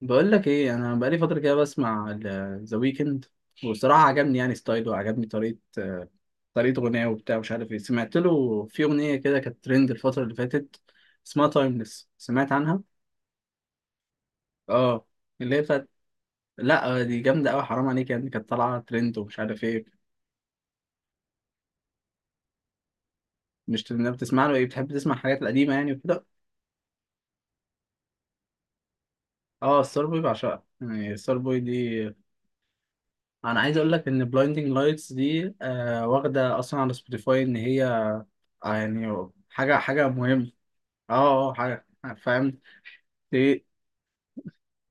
بقول لك ايه، انا بقالي فتره كده بسمع ذا ويكند. وبصراحه عجبني يعني ستايله وعجبني طريقه طريقه غناه وبتاع مش عارف ايه. سمعت له في اغنيه كده كانت ترند الفتره اللي فاتت اسمها تايمليس. سمعت عنها؟ اه. اللي هي بتاعت. لا، دي جامده قوي، حرام عليك يعني، كانت طالعه ترند ومش عارف ايه. مش بتسمع له ايه؟ بتحب تسمع الحاجات القديمه يعني وكده. اه ستار بوي، بعشقها يعني ستار بوي دي. انا عايز اقول لك ان بلايندينج لايتس دي واخده اصلا على سبوتيفاي ان هي يعني حاجة حاجة مهمة. اه. اه حاجة. فاهم. إيه؟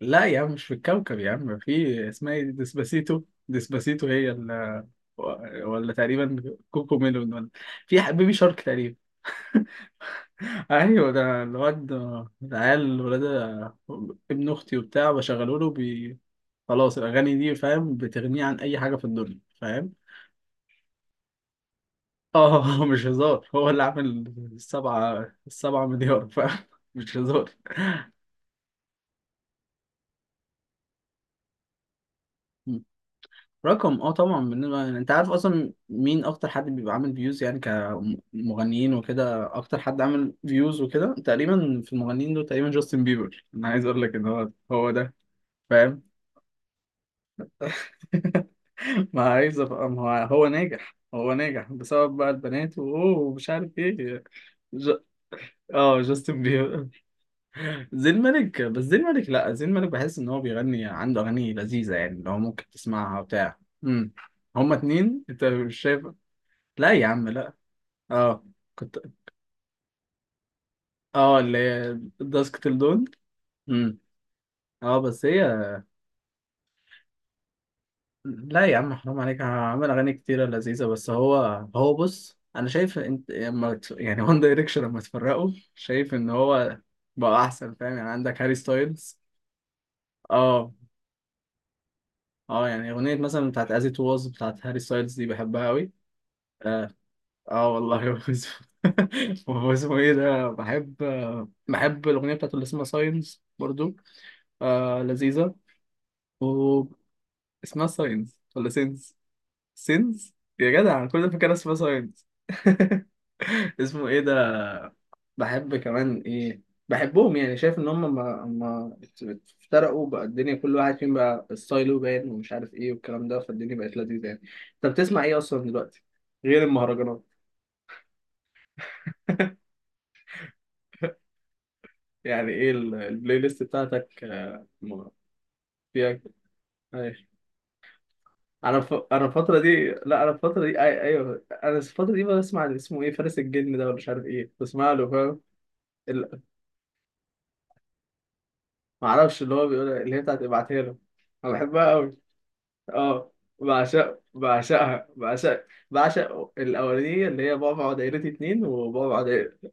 لا يا عم، مش في الكوكب يا عم، في اسمها ايه دي؟ ديسباسيتو. ديسباسيتو هي ال. ولا تقريبا كوكو ميلون، ولا في بيبي شارك تقريبا. ايوه، ده الواد، العيال ولاد. ابن اختي وبتاع بشغله له بي. خلاص الاغاني دي، فاهم، بتغنيه عن اي حاجه في الدنيا، فاهم. اه، مش هزار، هو اللي عامل السبعه مليار، فاهم، مش هزار. رقم، طبعا، بالنسبة يعني انت عارف اصلا مين اكتر حد بيبقى عامل فيوز يعني كمغنيين وكده، اكتر حد عامل فيوز وكده تقريبا في المغنيين دول تقريبا جاستن بيبر. انا عايز اقول لك ان هو ده، فاهم. ما عايز ابقى، ما هو ناجح هو ناجح بسبب بقى البنات واوه ومش عارف ايه. ج... اه جاستن بيبر. زين مالك، بس زين مالك لا، زين مالك بحس ان هو بيغني، عنده اغاني لذيذة يعني، اللي هو ممكن تسمعها وبتاع. امم. هما اتنين، انت مش شايف. لا يا عم لا. اه كنت. اه اللي هي الداسكتل دول. امم. اه بس هي. لا يا عم، حرام عليك، عامل اغاني كتيره لذيذه. بس هو، هو بص، انا شايف انت لما يعني وان دايركشن لما اتفرقوا، شايف ان هو بقى احسن، فاهم، يعني عندك هاري ستايلز. اه. اه يعني اغنيه مثلا بتاعت از ات واز بتاعت هاري ستايلز دي بحبها قوي. اه والله. هو اسمه، هو اسمه ايه ده. بحب، بحب الاغنيه بتاعته اللي اسمها ساينز برضو، آه لذيذه. اسمها ساينس ولا سينس؟ سينس. يا جدع، أنا كل ده فاكرها اسمها ساينس. اسمه ايه ده. بحب كمان ايه. بحبهم يعني، شايف ان هم ما افترقوا بقى الدنيا، كل واحد فيهم بقى ستايله باين ومش عارف ايه والكلام ده، فالدنيا بقت لذيذة يعني. انت بتسمع ايه اصلا دلوقتي غير المهرجانات؟ يعني ايه البلاي ليست بتاعتك، فيها. أيوة. انا انا الفترة دي، لا انا الفترة دي ايوه انا الفترة دي بسمع اللي اسمه ايه فارس الجن ده، ولا مش عارف ايه، بسمع له فاهم. ال- ما اعرفش اللي هو بيقول إيه، اللي هي بتاعت ابعتها له، انا بحبها قوي. اه، بعشقها، بعشق الاولانيه اللي هي بعبع ودايرتي اتنين وبعبع دايرتي.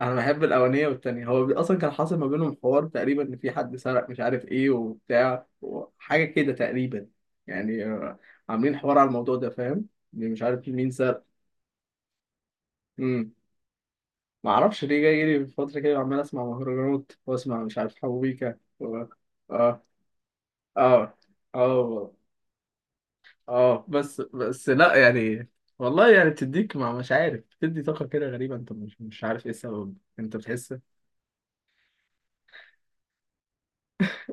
انا بحب الاولانيه والتانيه. هو اصلا كان حاصل ما بينهم حوار، تقريبا ان في حد سرق مش عارف ايه وبتاع وحاجه كده تقريبا، يعني عاملين حوار على الموضوع ده، فاهم، إن مش عارف مين سرق. امم. ما اعرفش ليه جاي لي في فتره كده عمال اسمع مهرجانات واسمع مش عارف حبوبيكا و. اه. اه. اه والله. اه بس، لا يعني، والله يعني بتديك، مع مش عارف، بتدي طاقة كده غريبة، انت مش عارف ايه السبب، انت بتحس.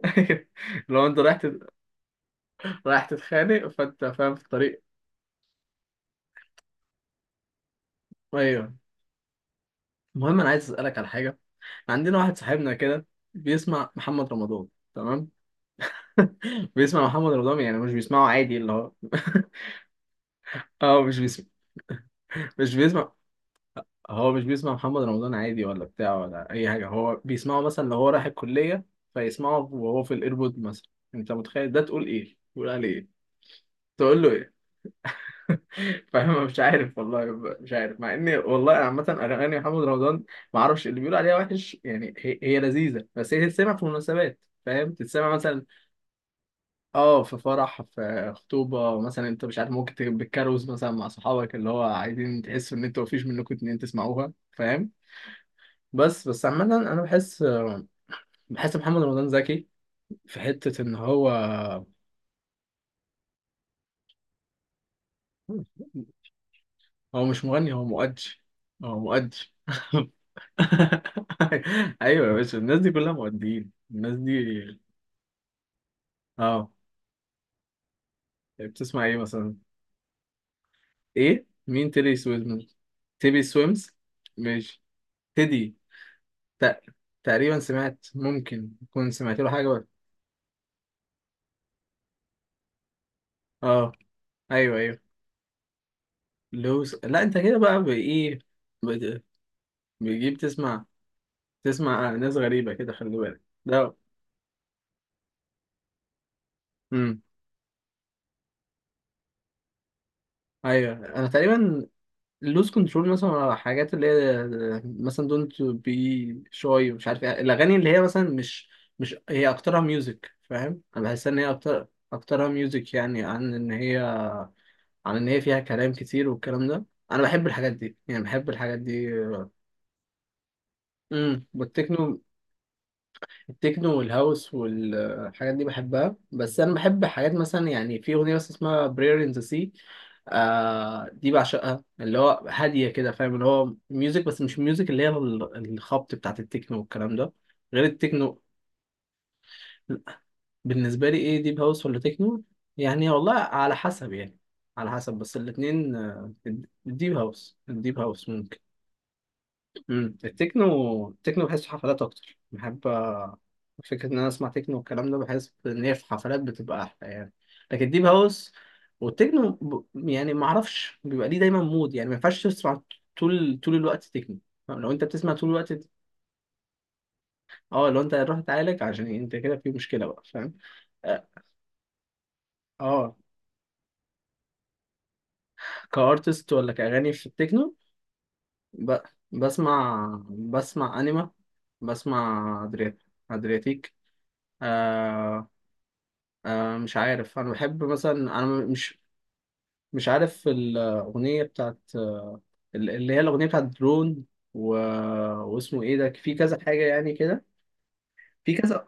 لو انت رايح تت. رايح تتخانق فانت فاهم في الطريق. ايوه. المهم، انا عايز اسألك على حاجة. عندنا واحد صاحبنا كده بيسمع محمد رمضان، تمام. بيسمع محمد رمضان يعني، مش بيسمعه عادي اللي هو. اه مش بيسمع، مش بيسمع. هو مش بيسمع محمد رمضان عادي ولا بتاع ولا اي حاجه، هو بيسمعه مثلا لو هو رايح الكليه فيسمعه وهو في الايربود مثلا. انت متخيل ده؟ تقول ايه؟ تقول عليه ايه؟ تقول له ايه؟ فاهم، مش عارف والله. مش عارف، مع اني والله عامه اغاني محمد رمضان ما اعرفش اللي بيقول عليها وحش يعني، هي لذيذه، بس هي تتسمع في مناسبات، فاهم، تتسمع مثلا، اه في فرح، في خطوبه مثلا، انت مش عارف، ممكن تبقى بالكاروز مثلا مع صحابك اللي هو عايزين تحسوا ان انتوا مفيش منكم اتنين تسمعوها، فاهم. بس عامة، أنا بحس، بحس محمد رمضان زكي في حتة إن هو، هو مش مغني، هو مؤدي. هو مؤدي. أيوة يا باشا، الناس دي كلها مؤديين الناس دي. اه. بتسمع إيه مثلا؟ إيه؟ مين تيلي سويمز؟ تيبي سويمز؟ ماشي. تيدي. تق- تقريبا سمعت، ممكن تكون سمعت له حاجة بقى. اه أيوة أيوة. لوس، لا أنت كده بقى بإيه. بت- بيجيب تسمع، تسمع ناس غريبة كده، خلي بالك ده. امم. ايوه انا تقريبا. لوز كنترول مثلا، على حاجات اللي هي مثلا دونت بي شوي، مش عارف ايه الاغاني اللي هي مثلا مش، مش هي اكترها ميوزك، فاهم، انا بحس ان هي اكترها ميوزك يعني، عن ان هي، عن ان هي فيها كلام كتير، والكلام ده انا بحب الحاجات دي يعني، بحب الحاجات دي. امم، والتكنو، التكنو والهاوس والحاجات دي بحبها. بس انا بحب حاجات مثلا، يعني في اغنيه بس اسمها prayer in the sea، آه دي بعشقها، اللي هو هاديه كده، فاهم، اللي هو ميوزك بس مش ميوزك اللي هي الخبط بتاعت التكنو والكلام ده، غير التكنو. بالنسبه لي ايه، ديب هاوس ولا تكنو؟ يعني والله على حسب يعني، على حسب. بس الاتنين الديب هاوس، ممكن. مم. التكنو بحسه حفلات اكتر، بحب فكره ان انا اسمع تكنو والكلام ده، بحس ان هي في حفلات بتبقى احلى يعني. لكن ديب هاوس والتكنو، ب. يعني ما اعرفش بيبقى ليه دايما مود، يعني ما ينفعش تسمع طول الوقت تكنو، فاهم؟ لو انت بتسمع طول الوقت، اه لو انت هتروح تعالج عشان انت كده في مشكله بقى، فاهم. اه. آه. كارتست ولا كاغاني في التكنو؟ ب. بسمع انيما، بسمع ادريات، ادرياتيك. أنا مش عارف، أنا بحب مثلا، أنا مش، مش عارف الأغنية بتاعت، اللي هي الأغنية بتاعت درون و. واسمه إيه ده، في كذا حاجة يعني كده، في كذا.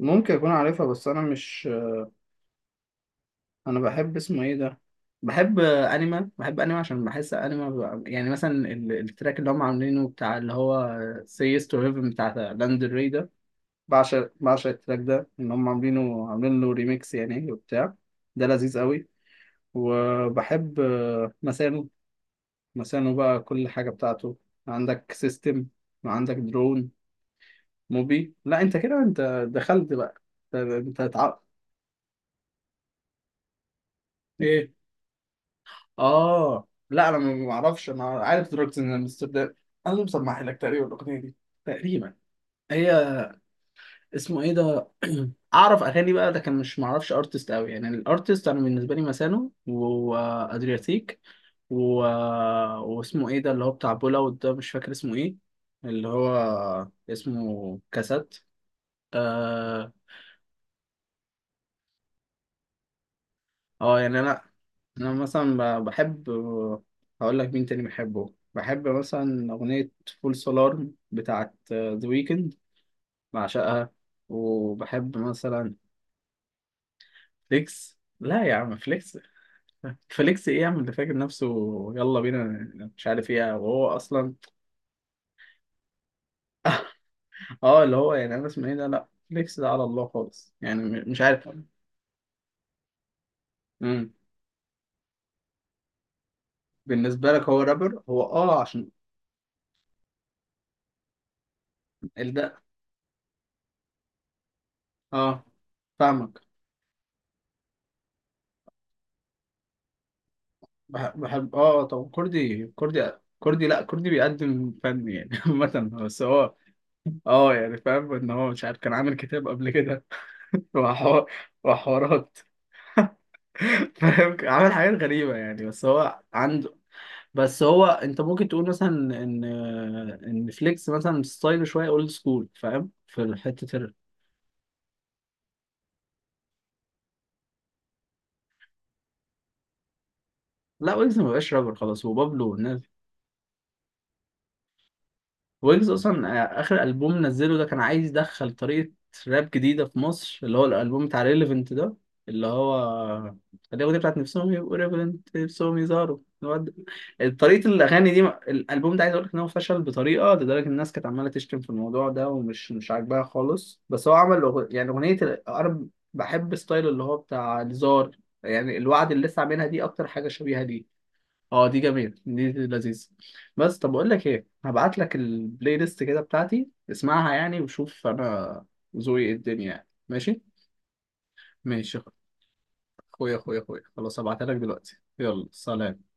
ممكن أكون عارفها بس أنا مش. أنا بحب اسمه إيه ده، بحب أنيما. بحب أنيما عشان بحس أنيما ب. يعني مثلا التراك اللي هم عاملينه بتاع، اللي هو Say Yes to Heaven بتاع لاند ري ده. بعشق التراك ده، إن هم عاملين له ريميكس، يعني وبتاع، ده لذيذ قوي. وبحب مسانو. مسانو بقى كل حاجة بتاعته، عندك سيستم وعندك درون. موبي لا، انت كده، انت دخلت بقى، انت ايه. اه لا، انا ما اعرفش، انا عارف دروكس ان امستردام. انا اللي مسمح لك تقريبا الاغنيه دي، تقريبا. هي، اسمه ايه ده، اعرف اغاني بقى لكن مش معرفش ارتست قوي، يعني الارتست انا بالنسبه لي مسانو وادرياتيك و. واسمه ايه ده اللي هو بتاع بولاوت ده، مش فاكر اسمه ايه، اللي هو اسمه كاسات. اه. يعني انا، انا مثلا بحب. هقول لك مين تاني بحبه، بحب مثلا اغنيه فول سولار بتاعت ذا ويكند، بعشقها. وبحب مثلا فليكس. لا يا عم فليكس، فليكس ايه يعمل ده فاكر نفسه، يلا بينا، مش عارف ايه. وهو اصلا، اه اللي هو يعني انا اسمه ايه ده، لا فليكس ده على الله خالص يعني، مش عارف. امم. بالنسبه لك هو رابر، هو عشان ده. اه، فاهمك. بحب، اه طب كردي، كردي، كردي لا، كردي بيقدم فن يعني، عامة بس هو، اه يعني فاهم ان هو، مش عارف، كان عامل كتاب قبل كده، وحوا- وحوارات. فاهم، عامل حاجات غريبة يعني، بس هو عنده، بس هو انت ممكن تقول مثلا ان، ان فليكس مثلا ستايل شويه اولد سكول، فاهم في حته ال. لا، ويجز ما بقاش رابر خلاص، وبابلو الناس. ويجز اصلا اخر البوم نزله ده كان عايز يدخل طريقه راب جديده في مصر، اللي هو الالبوم بتاع ريليفنت ده، اللي هو الاغنيه بتاعت نفسهم يبقوا ريليفنت، نفسهم يظهروا طريقه الاغاني دي. الالبوم ده عايز اقول لك ان هو فشل بطريقه لدرجه ان الناس كانت عماله تشتم في الموضوع ده ومش مش عاجباها خالص. بس هو عمل يعني اغنيه انا بحب ستايل اللي هو بتاع الزار، يعني الوعد اللي لسه عاملها دي اكتر حاجه شبيهه ليه. اه دي جميلة، دي لذيذة. بس طب اقول لك ايه، هبعت لك البلاي ليست كده بتاعتي اسمعها يعني، وشوف انا ذوقي ايه الدنيا يعني. ماشي. ماشي يا اخويا اخويا اخويا اخويا، خلاص هبعتها لك دلوقتي، يلا سلام.